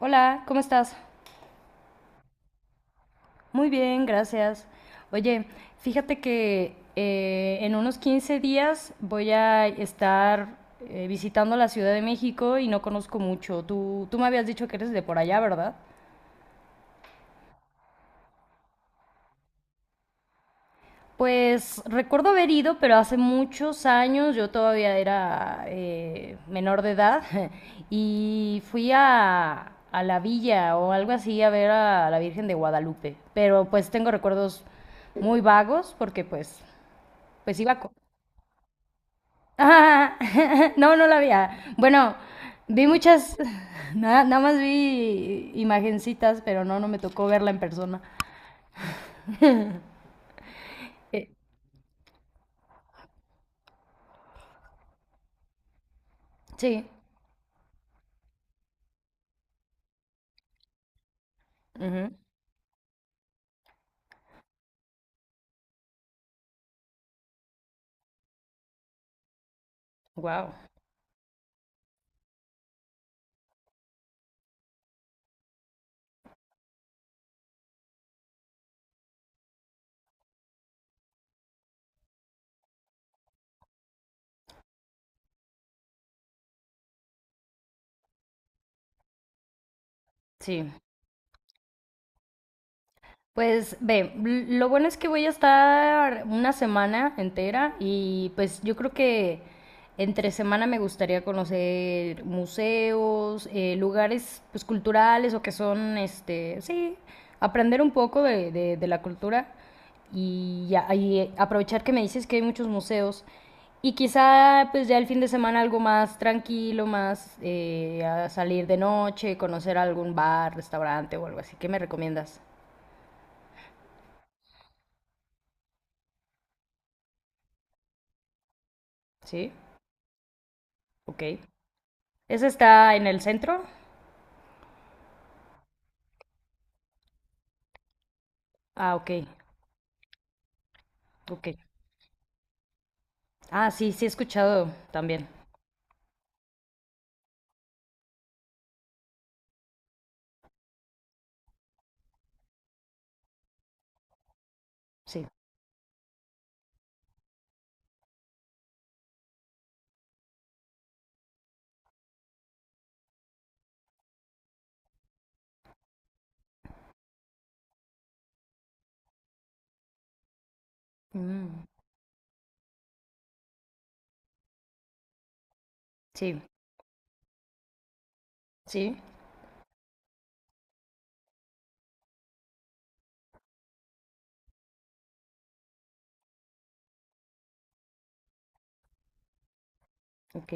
Hola, ¿cómo estás? Muy bien, gracias. Oye, fíjate que en unos 15 días voy a estar visitando la Ciudad de México y no conozco mucho. Tú me habías dicho que eres de por allá, ¿verdad? Pues recuerdo haber ido, pero hace muchos años, yo todavía era menor de edad, y fui a la villa o algo así a ver a la Virgen de Guadalupe. Pero pues tengo recuerdos muy vagos porque pues Pues iba co- Ah, no, no la vi. Ah, bueno, vi muchas, nada, nada más vi imagencitas, pero no, no me tocó verla en persona. Eh, sí. Wow. Sí. Pues ve, l- lo bueno es que voy a estar una semana entera y pues yo creo que entre semana me gustaría conocer museos, lugares pues culturales o que son, este, sí, aprender un poco de la cultura y, ya- y aprovechar que me dices que hay muchos museos y quizá pues ya el fin de semana algo más tranquilo, más a salir de noche, conocer algún bar, restaurante o algo así. ¿Qué me recomiendas? ¿Sí? Ok. ¿Ese está en el centro? Ah, ok, ok. Ah, sí, sí he escuchado también. Sí. Mm, sí, sí. Ok.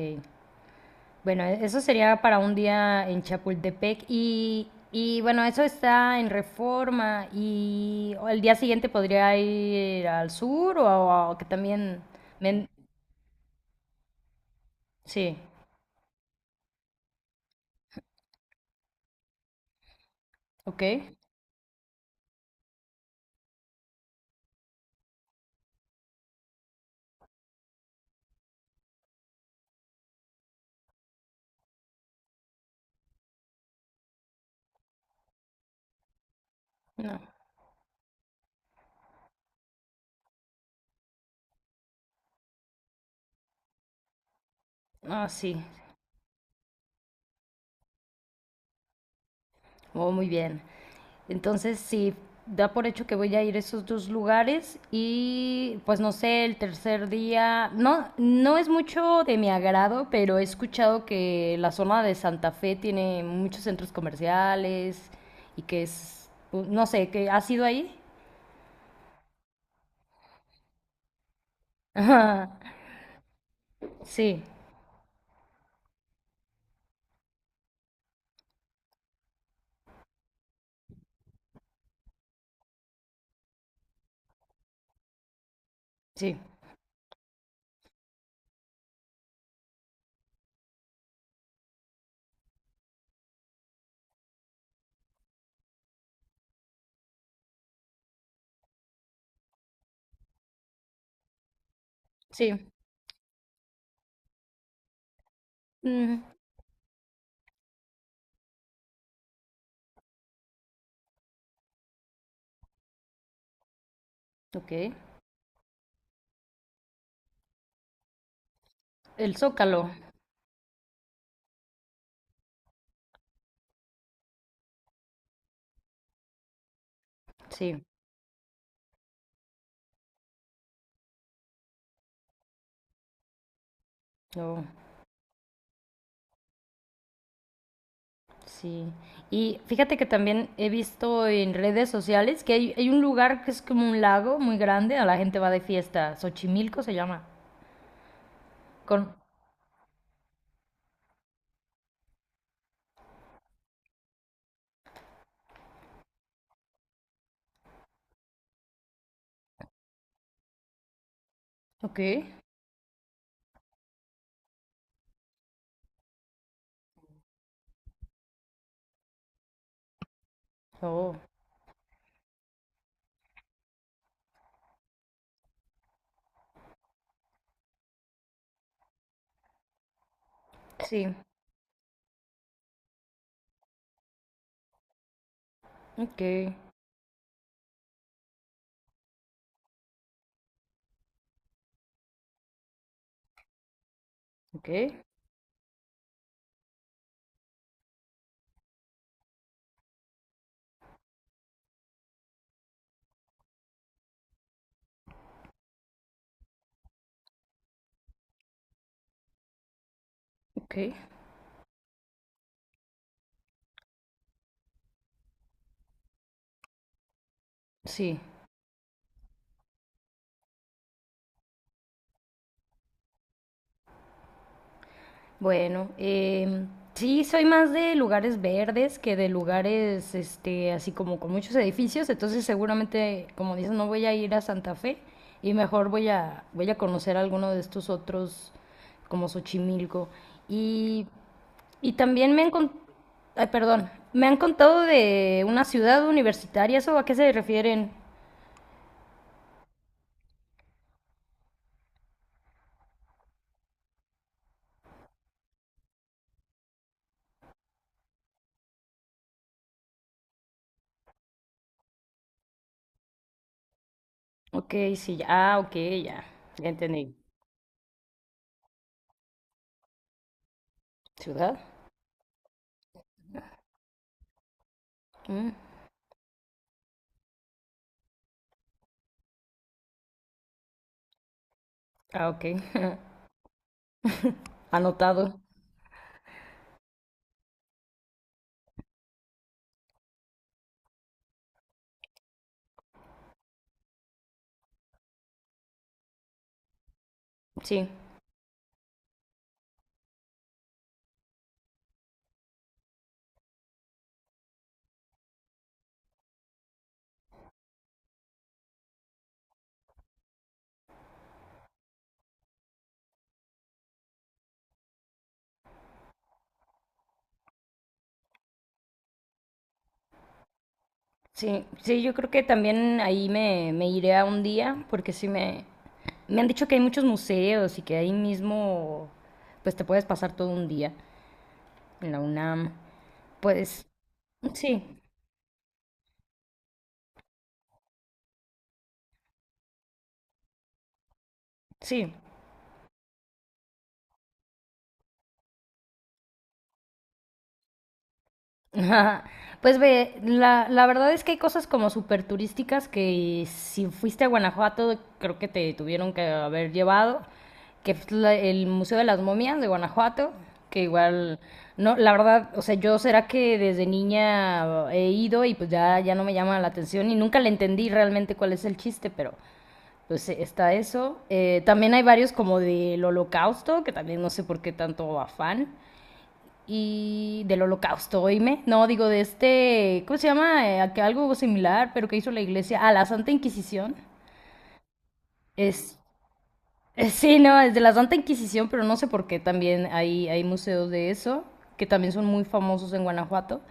Bueno, e- eso sería para un día en Chapultepec y bueno, eso está en Reforma y el día siguiente podría ir al sur o, a- que también... me- sí, ok. No, ah, sí. Oh, muy bien. Entonces, sí, da por hecho que voy a ir a esos dos lugares y pues no sé, el tercer día, no, no es mucho de mi agrado, pero he escuchado que la zona de Santa Fe tiene muchos centros comerciales y que es, no sé, que ha sido ahí. Ajá. Sí, sí, sí. Mm, ok. El Zócalo, sí. Oh. Sí, y fíjate que también he visto en redes sociales que hay un lugar que es como un lago muy grande, a la gente va de fiesta, Xochimilco se llama. Con... Ok, oh, sí, ok, ok, ok, sí. Bueno, sí, soy más de lugares verdes que de lugares, este, así como con muchos edificios, entonces seguramente, como dices, no voy a ir a Santa Fe y mejor voy voy a conocer alguno de estos otros, como Xochimilco. Y, y también me han, con- ay, perdón, me han contado de una ciudad universitaria, ¿eso a qué se refieren? Ok, sí, ya, ah, ok, ya, ya entendí. ¿Ciudad? Mm, ah, ok, anotado, sí. Sí, sí, yo creo que también ahí me iré a un día, porque sí me han dicho que hay muchos museos y que ahí mismo, pues te puedes pasar todo un día en la UNAM. Pues sí, sí. Ajá. Pues ve, la verdad es que hay cosas como súper turísticas que si fuiste a Guanajuato creo que te tuvieron que haber llevado, que es la- el Museo de las Momias de Guanajuato, que igual, no, la verdad, o sea, yo será que desde niña he ido y pues ya, ya no me llama la atención y nunca le entendí realmente cuál es el chiste, pero pues está eso. También hay varios como del Holocausto, que también no sé por qué tanto afán y del holocausto, oíme. No, digo de este, ¿cómo se llama? Que algo similar, pero que hizo la iglesia a la Santa Inquisición. Es, sí, no, es de la Santa Inquisición, pero no sé por qué también hay museos de eso, que también son muy famosos en Guanajuato.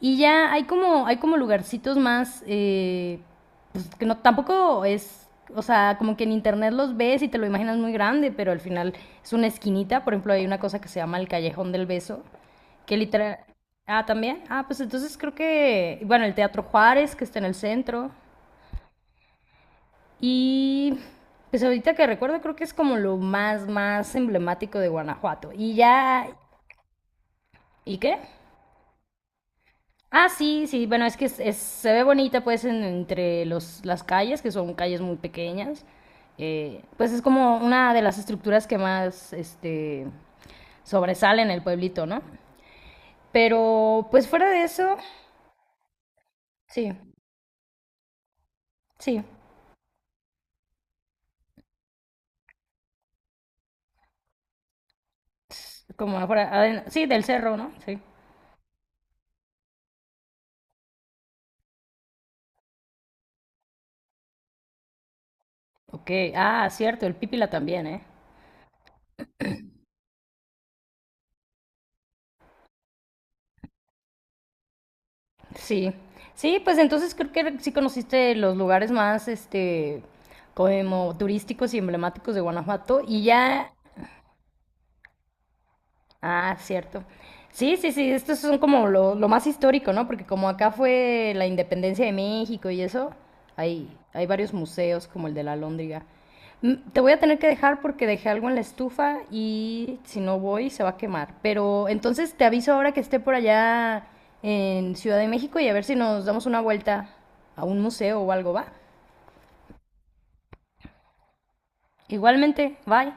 Y ya hay como lugarcitos más, pues que no, tampoco es, o sea, como que en internet los ves y te lo imaginas muy grande, pero al final es una esquinita. Por ejemplo, hay una cosa que se llama el Callejón del Beso, que literal... Ah, también. Ah, pues entonces creo que, bueno, el Teatro Juárez, que está en el centro. Y pues ahorita que recuerdo creo que es como lo más, más emblemático de Guanajuato. Y ya... ¿Y qué? Ah, sí, sí, bueno, es que es- se ve bonita pues en- entre los, las calles, que son calles muy pequeñas. Pues es como una de las estructuras que más este, sobresale en el pueblito, ¿no? Pero pues fuera de eso, sí, sí, como afuera, aden- sí, del cerro, ¿no? Sí. Ok, ah, cierto, el Pípila también, ¿eh? Sí, sí, pues entonces creo que sí conociste los lugares más, este, como turísticos y emblemáticos de Guanajuato y ya ah, cierto. Sí, sí, sí, esto son como lo más histórico, ¿no? Porque como acá fue la independencia de México y eso, hay varios museos como el de la Lóndriga. Mm, te voy a tener que dejar porque dejé algo en la estufa y si no voy se va a quemar. Pero entonces te aviso ahora que esté por allá en Ciudad de México y a ver si nos damos una vuelta a un museo o algo, ¿va? Igualmente, bye.